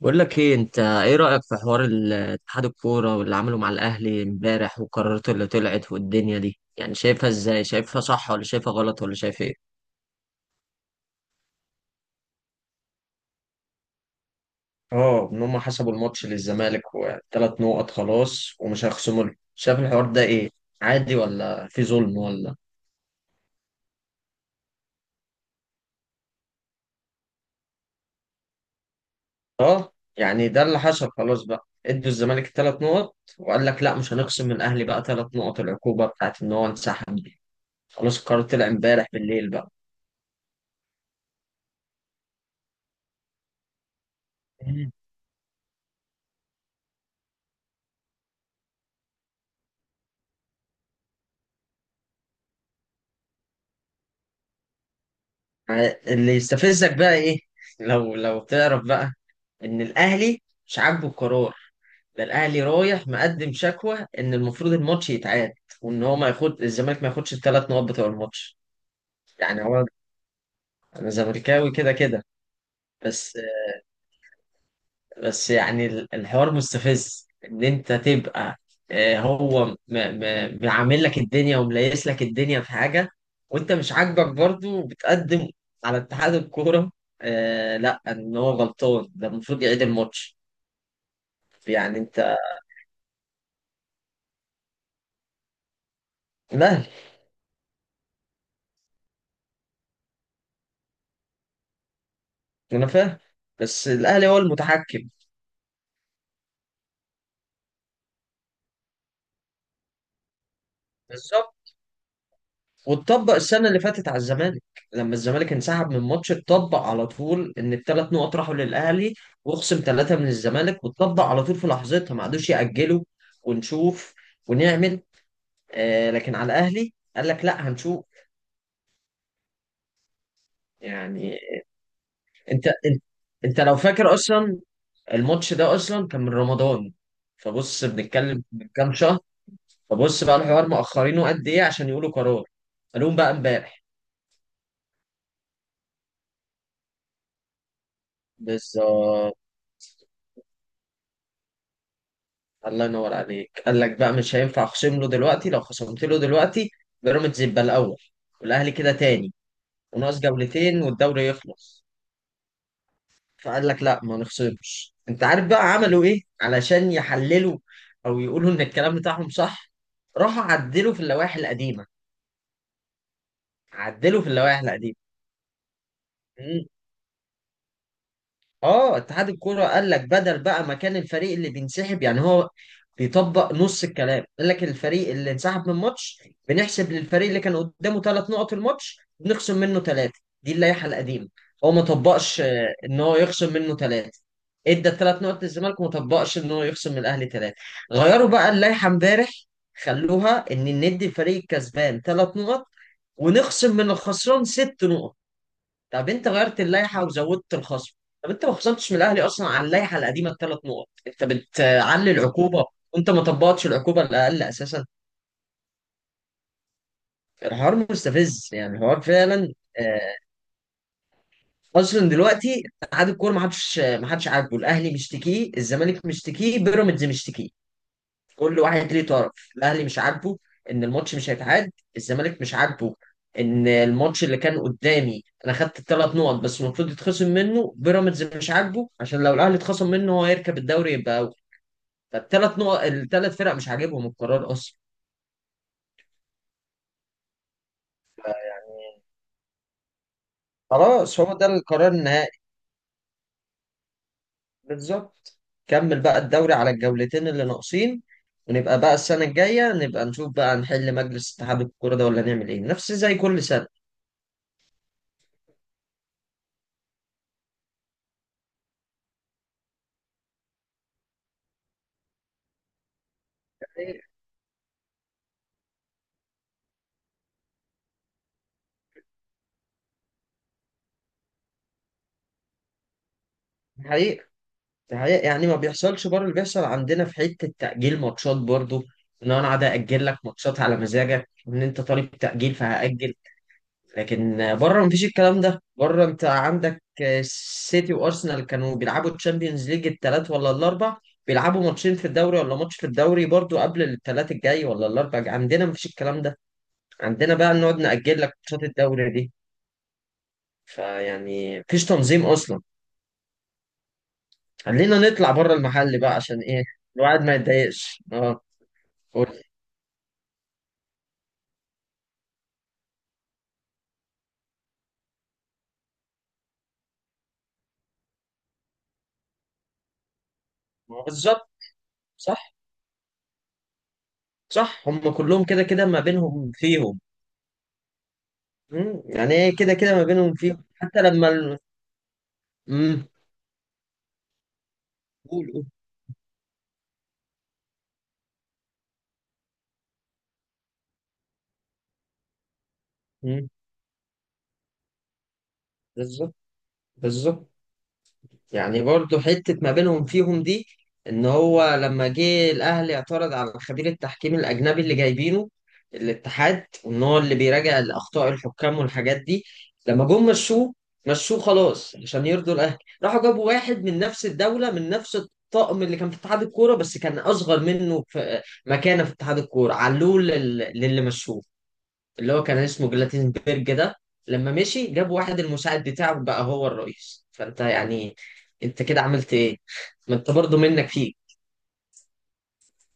بقول لك ايه؟ انت ايه رأيك في حوار اتحاد الكورة واللي عمله مع الاهلي امبارح وقراراته اللي طلعت والدنيا دي؟ يعني شايفها ازاي؟ شايفها صح ولا شايفها غلط ولا شايف ايه؟ اه، ان هم حسبوا الماتش للزمالك وثلاث نقط خلاص ومش هيخصموا له. شايف الحوار ده ايه؟ عادي ولا في ظلم ولا؟ اه يعني ده اللي حصل. خلاص بقى ادوا الزمالك ثلاث نقط وقال لك لا مش هنخصم من الاهلي بقى ثلاث نقط، العقوبه بتاعت ان هو انسحب دي. خلاص القرار طلع امبارح بالليل. بقى اللي يستفزك بقى ايه؟ لو تعرف بقى ان الاهلي مش عاجبه القرار، ده الاهلي رايح مقدم شكوى ان المفروض الماتش يتعاد، وان هو ما ياخد الزمالك ما ياخدش الثلاث نقط بتوع الماتش. يعني هو انا زملكاوي كده كده، بس بس يعني الحوار مستفز ان انت تبقى هو معامل لك الدنيا ومليس لك الدنيا في حاجه، وانت مش عاجبك برضو وبتقدم على اتحاد الكوره. لا ان هو غلطان، ده المفروض يعيد الماتش. يعني انت الاهلي. انا فاهم بس الاهلي هو المتحكم. بالظبط. واتطبق السنة اللي فاتت على الزمالك، لما الزمالك انسحب من ماتش اتطبق على طول ان الثلاث نقط راحوا للأهلي واخصم ثلاثة من الزمالك، واتطبق على طول في لحظتها ما عادوش يأجلوا ونشوف ونعمل. لكن على الأهلي قال لك لا هنشوف. يعني انت انت, انت لو فاكر اصلا الماتش ده اصلا كان من رمضان، فبص بنتكلم من كام شهر. فبص بقى الحوار مأخرينه قد ايه عشان يقولوا قرار، قالوهم بقى امبارح. بالظبط. الله ينور عليك، قال لك بقى مش هينفع اخصم له دلوقتي، لو خصمت له دلوقتي بيراميدز يبقى الاول والاهلي كده تاني، وناقص جولتين والدوري يخلص. فقال لك لا ما نخصمش. انت عارف بقى عملوا ايه علشان يحللوا او يقولوا ان الكلام بتاعهم صح؟ راحوا عدلوا في اللوائح القديمه، عدلوا في اللوائح القديمه. اه، اتحاد الكوره قال لك بدل بقى مكان الفريق اللي بينسحب يعني هو بيطبق نص الكلام، قال لك الفريق اللي انسحب من الماتش بنحسب للفريق اللي كان قدامه ثلاث نقط الماتش، بنخصم منه ثلاثه، دي اللائحه القديمه. هو ما طبقش ان هو يخصم منه ثلاثه، ادى الثلاث نقط للزمالك وما طبقش ان هو يخصم من الاهلي ثلاثه. غيروا بقى اللائحه امبارح، خلوها ان ندي الفريق الكسبان ثلاث نقط ونخصم من الخسران ست نقط. طب انت غيرت اللائحه وزودت الخصم، طب انت ما خصمتش من الاهلي اصلا على اللائحه القديمه الثلاث نقط، انت بتعلي العقوبه، وانت ما طبقتش العقوبه الاقل اساسا. الحوار مستفز يعني، الحوار فعلا آه، اصلا دلوقتي اتحاد الكوره ما حدش عاجبه، الاهلي مشتكيه، الزمالك مشتكيه، بيراميدز مشتكيه. كل واحد ليه طرف، الاهلي مش عاجبه ان الماتش مش هيتعاد، الزمالك مش عاجبه ان الماتش اللي كان قدامي انا خدت الثلاث نقط بس المفروض يتخصم منه، بيراميدز مش عاجبه عشان لو الاهلي اتخصم منه هو هيركب الدوري يبقى اول، فالثلاث نقط، الثلاث فرق مش عاجبهم القرار اصلا. خلاص هو ده القرار النهائي. بالظبط. كمل بقى الدوري على الجولتين اللي ناقصين، ونبقى بقى السنة الجاية نبقى نشوف بقى نحل مجلس اتحاد الكورة ده ولا نعمل ايه نفس زي كل سنة. حقيقي، ده حقيقة. يعني ما بيحصلش بره اللي بيحصل عندنا في حتة تأجيل ماتشات برضو، ان انا قاعد اجل لك ماتشات على مزاجك ان انت طالب تأجيل فهأجل. لكن بره مفيش الكلام ده، بره انت عندك سيتي وارسنال كانوا بيلعبوا تشامبيونز ليج الثلاث ولا الاربع، بيلعبوا ماتشين في الدوري ولا ماتش في الدوري برضو قبل الثلاث الجاي ولا الاربع. عندنا مفيش الكلام ده، عندنا بقى نقعد نأجل لك ماتشات الدوري دي، فيعني مفيش تنظيم اصلا. خلينا نطلع بره المحل بقى، عشان ايه الواحد ما يتضايقش. اه، قول. ما هو بالظبط. صح. صح، هم كلهم كده كده ما بينهم فيهم. مم. يعني ايه كده كده ما بينهم فيهم حتى لما ال... مم. قول قول. مم. بالظبط. بالظبط، يعني برضو حتة ما بينهم فيهم دي، ان هو لما جه الاهلي اعترض على خبير التحكيم الاجنبي اللي جايبينه الاتحاد وان هو اللي بيراجع الاخطاء الحكام والحاجات دي، لما جم مشوه، مشوه خلاص عشان يرضوا الاهلي، راحوا جابوا واحد من نفس الدولة من نفس الطقم اللي كان في اتحاد الكورة بس كان اصغر منه في مكانة في اتحاد الكورة، علوه للي مشوه اللي هو كان اسمه جلاتينبرج ده. لما مشي جاب واحد المساعد بتاعه بقى هو الرئيس، فانت يعني انت كده عملت ايه؟ ما انت برضو منك فيك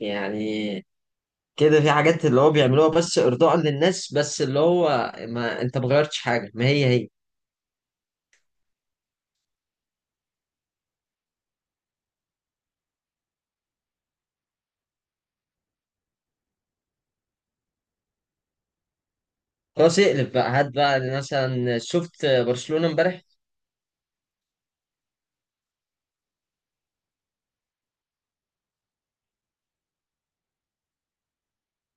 يعني، كده في حاجات اللي هو بيعملوها بس ارضاء للناس بس، اللي هو ما انت ما غيرتش حاجه، ما هي هي. خلاص اقلب بقى، هات بقى مثلا شفت برشلونه امبارح.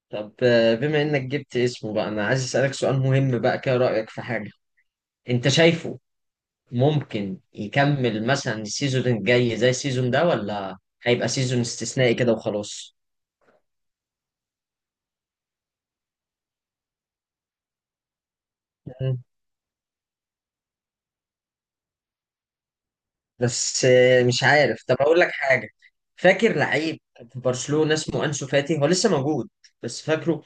طب بما انك جبت اسمه بقى انا عايز اسالك سؤال مهم بقى كده، رايك في حاجه. انت شايفه ممكن يكمل مثلا السيزون الجاي زي السيزون ده ولا هيبقى سيزون استثنائي كده وخلاص؟ مم. بس مش عارف، طب اقول لك حاجة. فاكر لعيب في برشلونة اسمه انسو فاتي؟ هو لسه موجود؟ بس فاكره،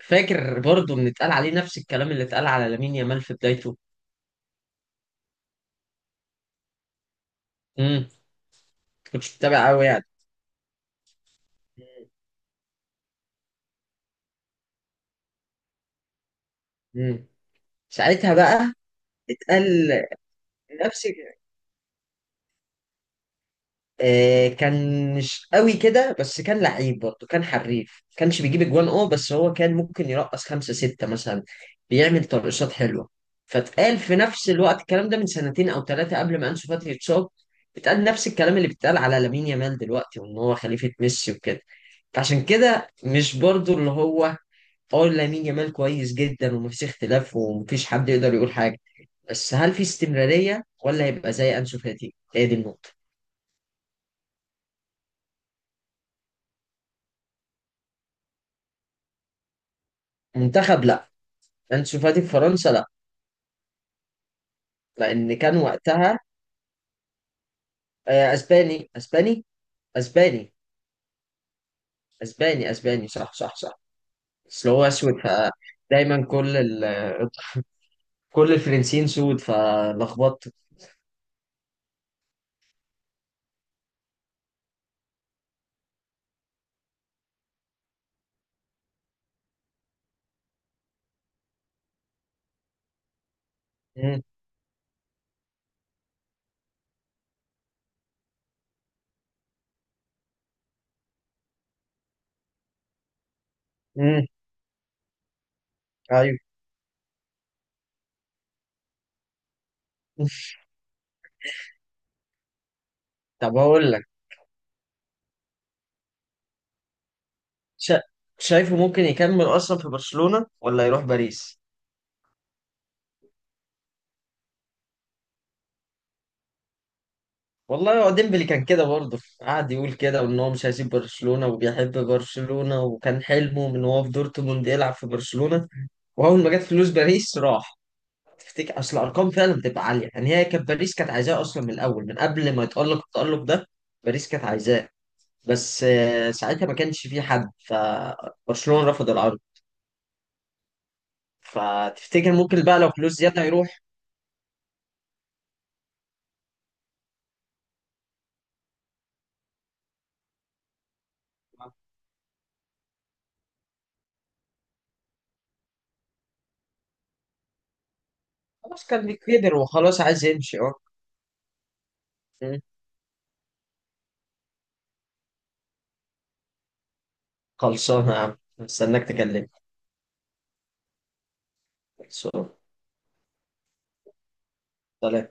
فاكر برضه ان اتقال عليه نفس الكلام اللي اتقال على لامين يامال في بدايته. امم كنتش متابع قوي يعني. امم ساعتها بقى اتقال نفس كان مش قوي كده بس كان لعيب برضه، كان حريف ما كانش بيجيب اجوان اه بس هو كان ممكن يرقص خمسة ستة مثلا، بيعمل ترقصات حلوة. فاتقال في نفس الوقت الكلام ده من سنتين او ثلاثة قبل ما انسو فاتي يتصاب، اتقال نفس الكلام اللي بيتقال على لامين يامال دلوقتي وان هو خليفة ميسي وكده، فعشان كده مش برضه اللي هو. اه، لامين يامال كويس جدا ومفيش اختلاف ومفيش حد يقدر يقول حاجة، بس هل في استمرارية ولا هيبقى زي انسو فاتي، هي دي النقطة. منتخب لا. انسو فاتي في فرنسا لا. لان كان وقتها اسباني، اسباني اسباني اسباني اسباني، صح صح صح. بس هو اسود فدايما كل ال... كل الفرنسيين سود فلخبطت. مم. مم. ايوه. طب هقول لك. شا... شايفه ممكن يكمل اصلا في برشلونة ولا يروح باريس؟ والله هو ديمبلي كان كده برضه، قعد يقول كده وان هو مش هيسيب برشلونة وبيحب برشلونة وكان حلمه من هو في دورتموند يلعب في برشلونة، واول ما جت فلوس باريس راح. تفتكر اصل الارقام فعلا بتبقى عاليه، يعني هي كانت باريس كانت عايزاه اصلا من الاول من قبل ما يتالق التالق ده، باريس كانت عايزاه بس ساعتها ما كانش في حد فبرشلونه رفض العرض، فتفتكر ممكن بقى لو فلوس زياده يروح؟ خلاص كان كبر وخلاص عايز يمشي اه. م. خلصانه يا عم، استناك تكلمني. خلصانه. سلام.